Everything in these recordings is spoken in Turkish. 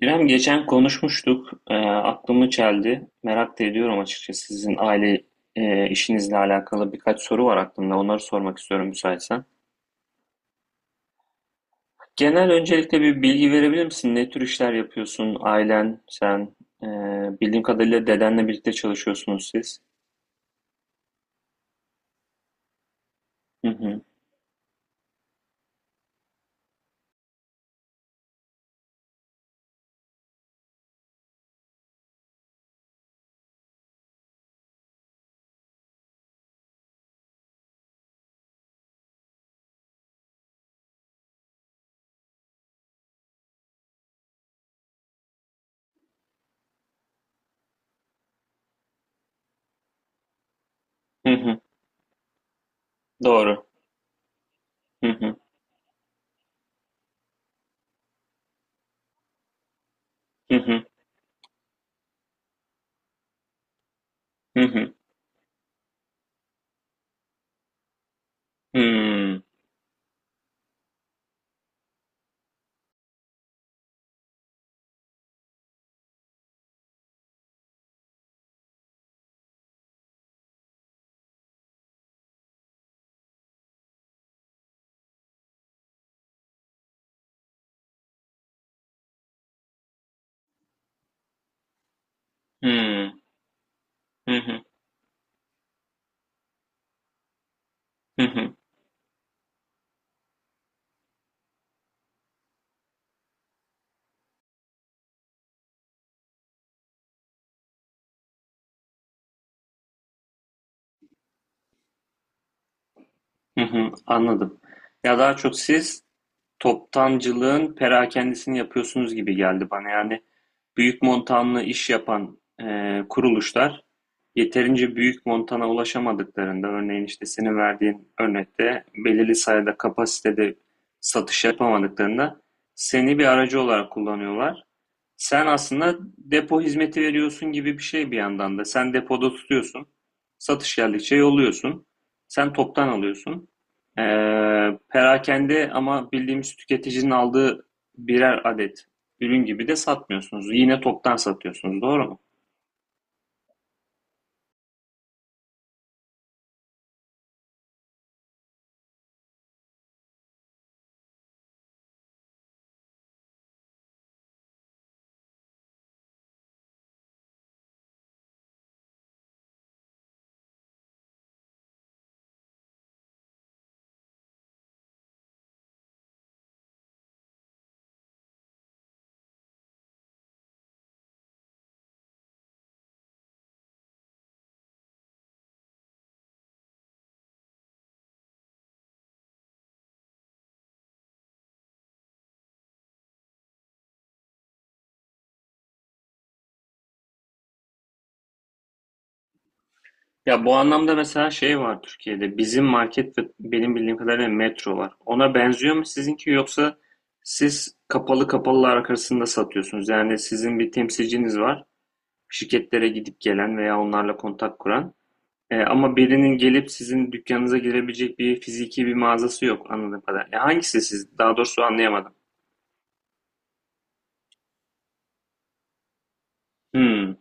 İrem geçen konuşmuştuk. Aklımı çeldi. Merak da ediyorum açıkçası. Sizin aile işinizle alakalı birkaç soru var aklımda. Onları sormak istiyorum müsaitsen. Genel öncelikle bir bilgi verebilir misin? Ne tür işler yapıyorsun? Ailen, sen, e, bildiğim kadarıyla dedenle birlikte çalışıyorsunuz siz. Hı hı. Hı hı. Doğru. Hı hı. Hı hı. Hı hı. Hmm. Hmm. Hı hı. Hı hı. Hı hı. Anladım. Ya daha çok siz toptancılığın perakendisini yapıyorsunuz gibi geldi bana. Yani büyük montanlı iş yapan kuruluşlar yeterince büyük montana ulaşamadıklarında, örneğin işte senin verdiğin örnekte belirli sayıda kapasitede satış yapamadıklarında seni bir aracı olarak kullanıyorlar. Sen aslında depo hizmeti veriyorsun gibi bir şey bir yandan da. Sen depoda tutuyorsun. Satış geldikçe yolluyorsun. Sen toptan alıyorsun. Ee, Perakende ama bildiğimiz tüketicinin aldığı birer adet ürün gibi de satmıyorsunuz. Yine toptan satıyorsunuz, doğru mu? Ya bu anlamda mesela şey var Türkiye'de. Bizim market ve benim bildiğim kadarıyla metro var. Ona benziyor mu sizinki, yoksa siz kapalı kapalılar arasında satıyorsunuz? Yani sizin bir temsilciniz var, şirketlere gidip gelen veya onlarla kontak kuran. E, ama birinin gelip sizin dükkanınıza girebilecek bir fiziki bir mağazası yok anladığım kadarıyla. E, hangisi siz? Daha doğrusu anlayamadım. Hmm,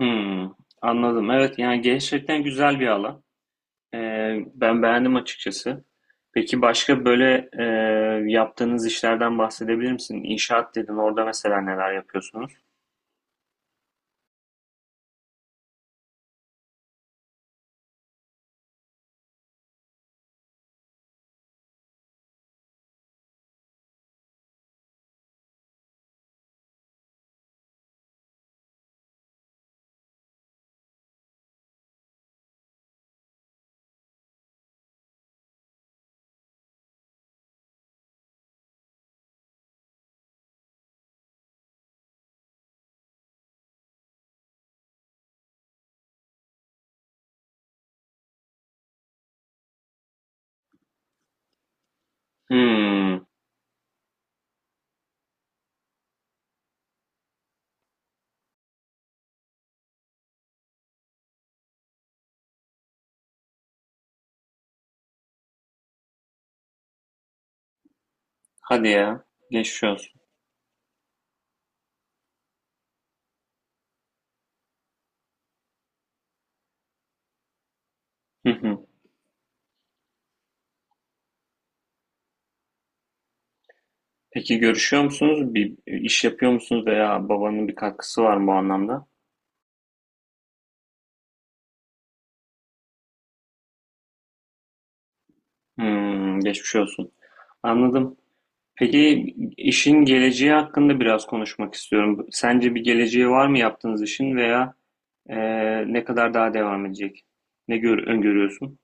hmm, anladım. Evet, yani gerçekten güzel bir alan. E, ben beğendim açıkçası. Peki başka böyle yaptığınız işlerden bahsedebilir misin? İnşaat dedin, orada mesela neler yapıyorsunuz? Hmm, hadi ya. Geçmiş olsun. Peki görüşüyor musunuz? Bir iş yapıyor musunuz veya babanın bir katkısı var mı bu anlamda? Hmm, geçmiş olsun. Anladım. Peki işin geleceği hakkında biraz konuşmak istiyorum. Sence bir geleceği var mı yaptığınız işin, veya e, ne kadar daha devam edecek? Öngörüyorsun?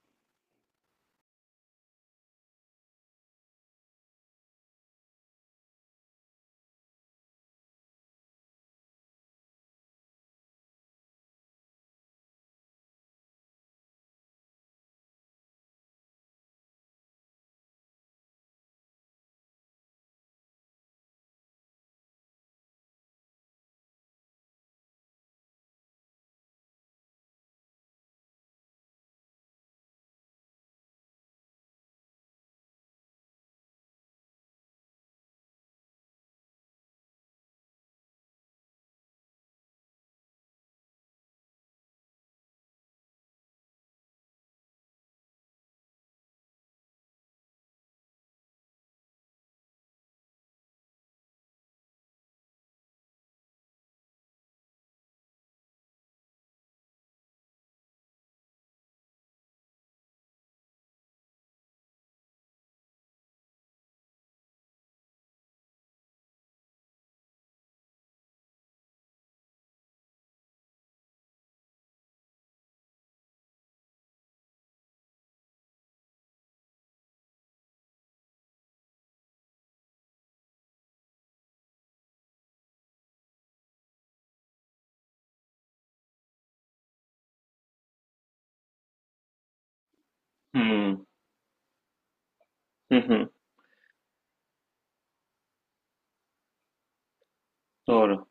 Hmm, hı hı, doğru.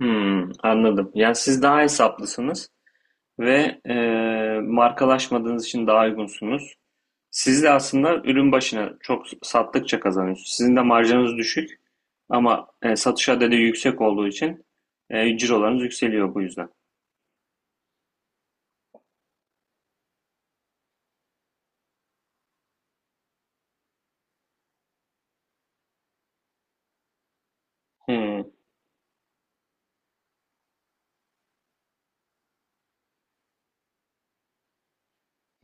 Hmm, anladım. Yani siz daha hesaplısınız ve markalaşmadığınız için daha uygunsunuz. Siz de aslında ürün başına çok sattıkça kazanıyorsunuz. Sizin de marjınız düşük ama satış adedi yüksek olduğu için cirolarınız yükseliyor bu yüzden. Hmm.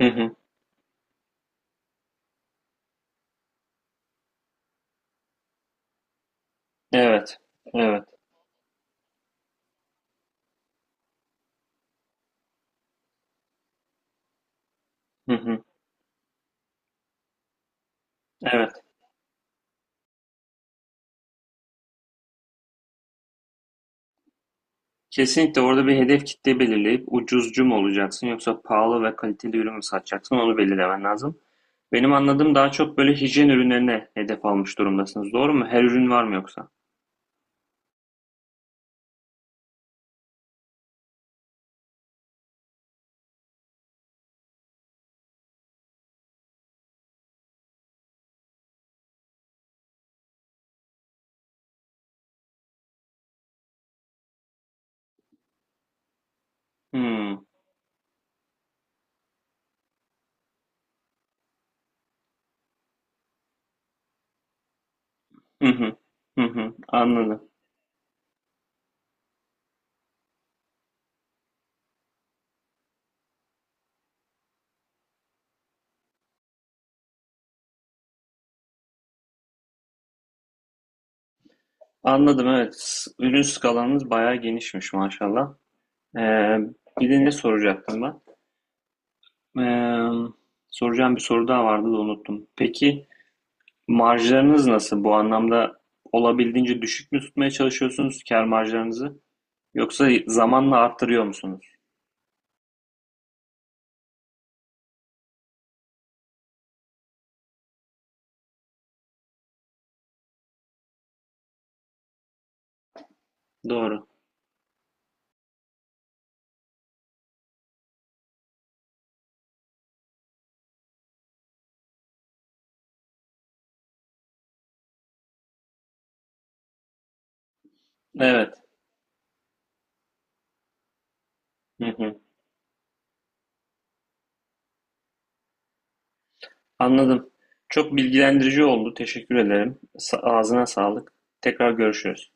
Hı hı. Evet. Evet. Hı hı. Evet. Kesinlikle, orada bir hedef kitle belirleyip ucuzcu mu olacaksın yoksa pahalı ve kaliteli ürün mü satacaksın onu belirlemen lazım. Benim anladığım daha çok böyle hijyen ürünlerine hedef almış durumdasınız. Doğru mu? Her ürün var mı, yoksa? Hmm. Hı hı. Hı hı. Anladım. Anladım, evet. Ürün skalanız bayağı genişmiş maşallah. Ee, Bir de ne soracaktım ben? Ee, Soracağım bir soru daha vardı da unuttum. Peki marjlarınız nasıl? Bu anlamda olabildiğince düşük mü tutmaya çalışıyorsunuz kâr marjlarınızı? Yoksa zamanla arttırıyor musunuz? Doğru. Evet. Hı hı. Anladım. Çok bilgilendirici oldu. Teşekkür ederim. Ağzına sağlık. Tekrar görüşürüz.